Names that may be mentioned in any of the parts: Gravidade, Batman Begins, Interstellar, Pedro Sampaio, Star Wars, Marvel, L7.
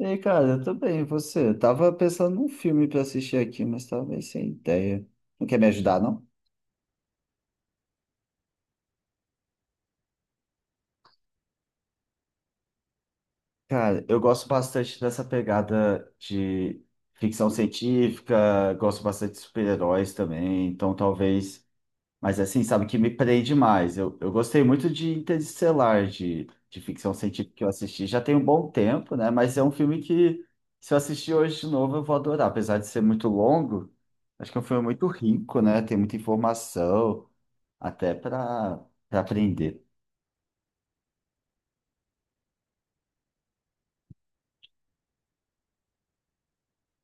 E aí, cara, eu tô bem, e você? Eu tava pensando num filme pra assistir aqui, mas tava meio sem ideia. Não quer me ajudar, não? Cara, eu gosto bastante dessa pegada de ficção científica, gosto bastante de super-heróis também, então talvez. Mas assim, sabe, que me prende mais. Eu gostei muito de Interestelar, de ficção científica que eu assisti. Já tem um bom tempo, né? Mas é um filme que, se eu assistir hoje de novo, eu vou adorar. Apesar de ser muito longo, acho que é um filme muito rico, né? Tem muita informação, até para aprender.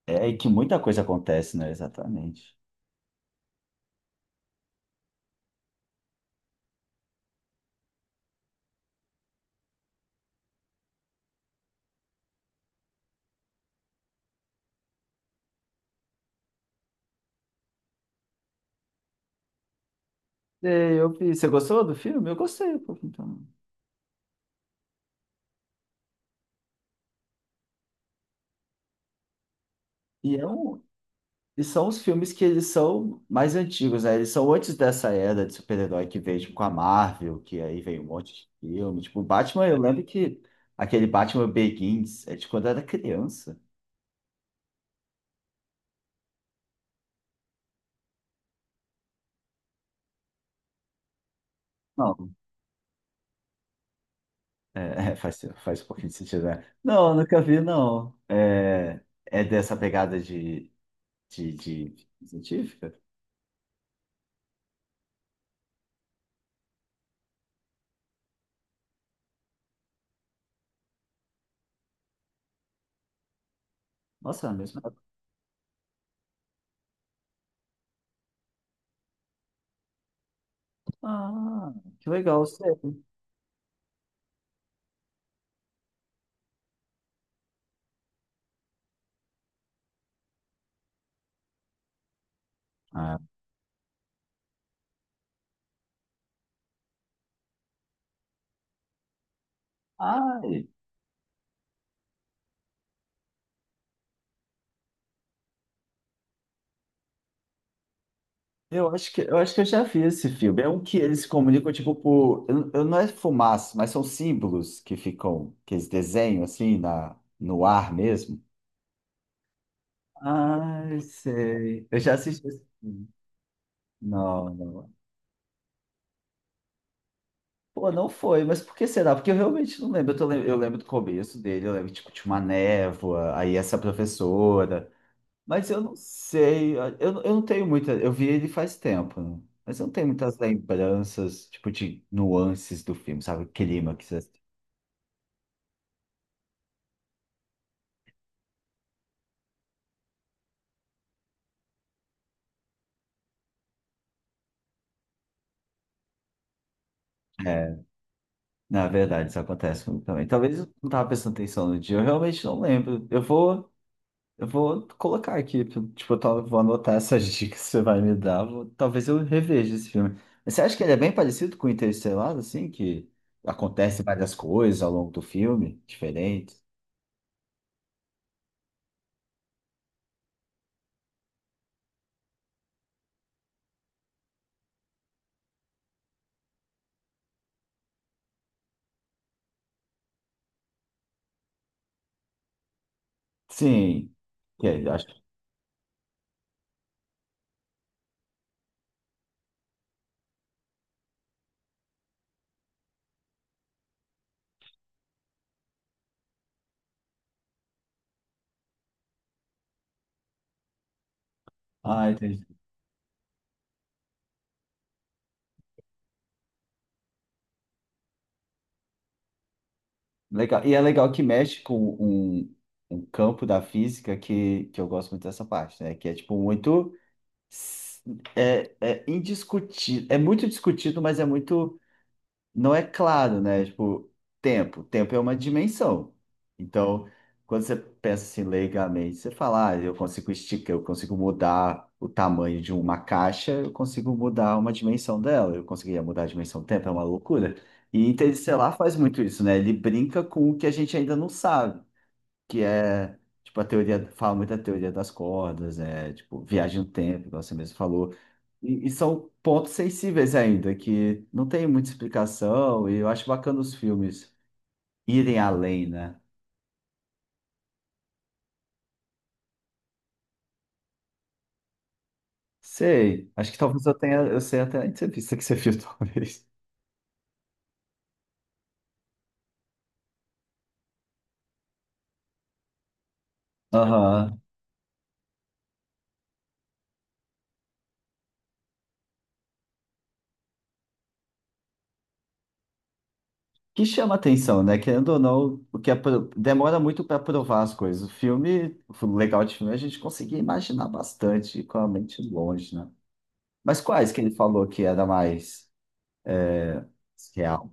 É, e que muita coisa acontece, né? Exatamente. É, eu vi. Você gostou do filme? Eu gostei, pô, então. E é um, E são os filmes que eles são mais antigos, né? Eles são antes dessa era de super-herói que veio, tipo, com a Marvel, que aí veio um monte de filme. Tipo, Batman, eu lembro que aquele Batman Begins é de quando eu era criança. Não, é, é, faz um pouquinho de sentido, né? Não, eu nunca vi, não. É, é dessa pegada de, de científica? Nossa, na mesma época. Ah, que legal, sério. Ah, ai, eu acho que, eu já vi esse filme. É um que eles se comunicam, tipo, por. Eu não é fumaça, mas são símbolos que ficam, que eles desenham assim na, no ar mesmo. Ai, sei. Eu já assisti esse filme. Não, não. Pô, não foi, mas por que será? Porque eu realmente não lembro. Eu, eu lembro do começo dele, eu lembro, tipo, de uma névoa, aí essa professora. Mas eu não sei, eu não tenho muita. Eu vi ele faz tempo, né? Mas eu não tenho muitas lembranças, tipo, de nuances do filme, sabe? O clima que você. É, na verdade, isso acontece comigo também. Talvez eu não tava prestando atenção no dia, eu realmente não lembro. Eu vou colocar aqui, tipo, vou anotar essas dicas que você vai me dar. Talvez eu reveja esse filme. Mas você acha que ele é bem parecido com Interestelar, assim, que acontece várias coisas ao longo do filme, diferentes? Sim. Que, acho... Ah, entendi. Legal. E é legal que mexe com um, um campo da física que eu gosto muito dessa parte, né? Que é tipo muito s- é, é indiscutido, é muito discutido, mas é muito não é claro, né? Tipo, tempo. Tempo é uma dimensão. Então, quando você pensa assim leigamente, você fala, ah, eu consigo esticar, eu consigo mudar o tamanho de uma caixa, eu consigo mudar uma dimensão dela, eu conseguiria mudar a dimensão do tempo, é uma loucura. E Interestelar faz muito isso, né? Ele brinca com o que a gente ainda não sabe que é tipo a teoria, fala muito da teoria das cordas, é tipo viagem no tempo, igual você mesmo falou. E são pontos sensíveis ainda, que não tem muita explicação, e eu acho bacana os filmes irem além, né? Sei, acho que talvez eu tenha, eu sei até a entrevista que você fez talvez. Aham. Que chama atenção, né? Querendo ou não, o que é demora muito para provar as coisas. O filme, o legal de filme é a gente conseguir imaginar bastante com a mente longe, né? Mas quais que ele falou que era mais? Real.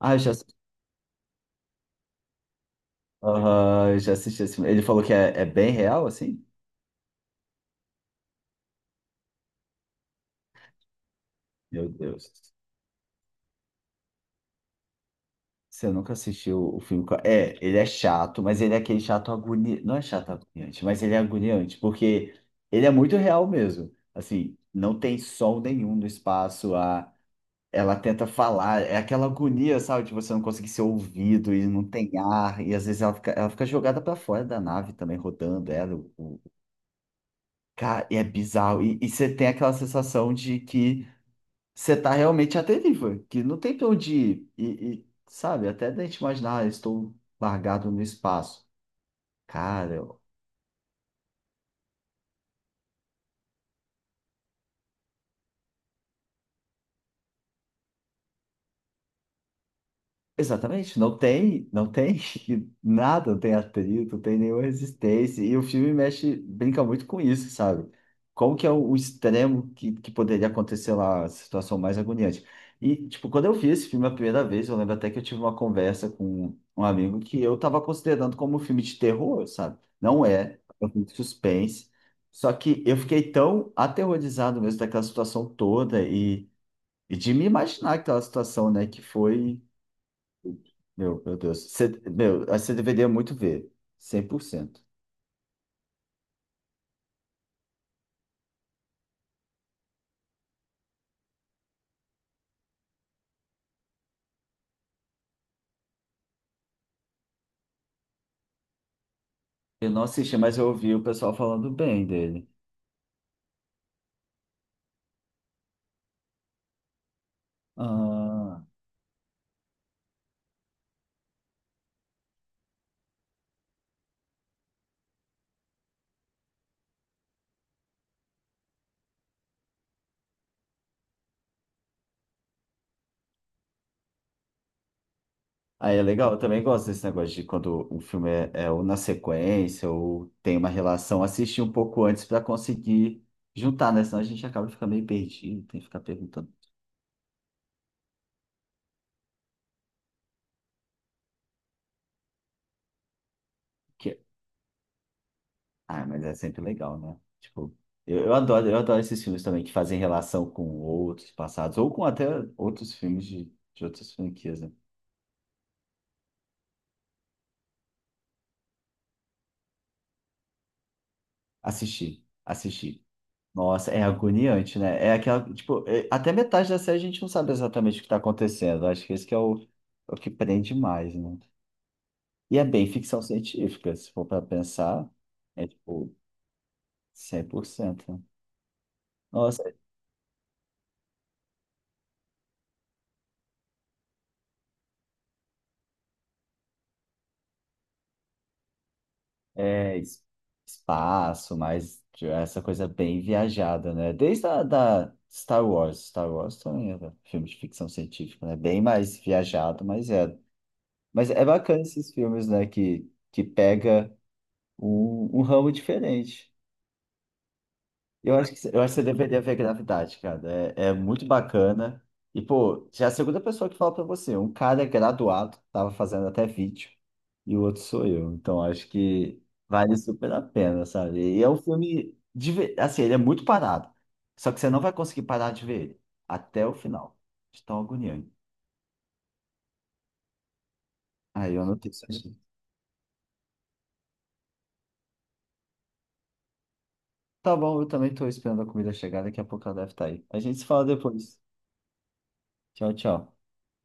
Ah, eu já, assisti- Aham, eu já assisti esse filme. Ele falou que é, é bem real, assim? Meu Deus. Você nunca assistiu o filme. É, ele é chato, mas ele é aquele chato agoniante. Não é chato agoniante, mas ele é agoniante, porque ele é muito real mesmo. Assim, não tem sol nenhum no espaço. A... Ela tenta falar, é aquela agonia, sabe? De você não conseguir ser ouvido e não tem ar. E às vezes ela fica jogada para fora da nave também, rodando ela. Cara, e é bizarro. E você tem aquela sensação de que você tá realmente atentivo, que não tem pra onde ir. E, sabe, até da gente imaginar, ah, estou largado no espaço. Cara, exatamente, não tem, não tem nada, não tem atrito, não tem nenhuma resistência. E o filme mexe, brinca muito com isso, sabe? Como que é o extremo que poderia acontecer lá, a situação mais agoniante. E, tipo, quando eu vi esse filme a primeira vez, eu lembro até que eu tive uma conversa com um amigo que eu tava considerando como um filme de terror, sabe? Não é, é um filme de suspense. Só que eu fiquei tão aterrorizado mesmo daquela situação toda e de me imaginar aquela situação, né? Que foi. Meu Deus. Você, meu, aí você deveria muito ver. Cem por cento. Eu não assisti, mas eu ouvi o pessoal falando bem dele. Ah, aí é legal. Eu também gosto desse negócio de quando o filme é, é ou na sequência ou tem uma relação. Assistir um pouco antes para conseguir juntar, né? Senão a gente acaba ficando meio perdido, tem que ficar perguntando o que é. Ah, mas é sempre legal, né? Tipo, eu, eu adoro esses filmes também que fazem relação com outros passados ou com até outros filmes de outras franquias, né? Assisti, assisti. Nossa, é agoniante, né? É aquela, tipo, até metade da série a gente não sabe exatamente o que tá acontecendo. Acho que esse que é o, é o que prende mais, né? E é bem ficção científica, se for para pensar, é tipo 100%. Né? Nossa, é es- espaço, mas tipo, essa coisa bem viajada, né? Desde a da Star Wars. Star Wars também era filme de ficção científica, né? Bem mais viajado, mas é. Mas é bacana esses filmes, né? Que pega um, um ramo diferente. Eu acho que, eu acho que você deveria ver Gravidade, cara. É, é muito bacana. E, pô, já é a segunda pessoa que fala pra você. Um cara é graduado, tava fazendo até vídeo, e o outro sou eu. Então, acho que vale super a pena, sabe? E é um filme, de, assim, ele é muito parado. Só que você não vai conseguir parar de ver ele até o final. De tão agoniante. Aí eu anotei isso aqui. Tá bom, eu também tô esperando a comida chegar. Daqui a pouco ela deve estar aí. A gente se fala depois. Tchau, tchau.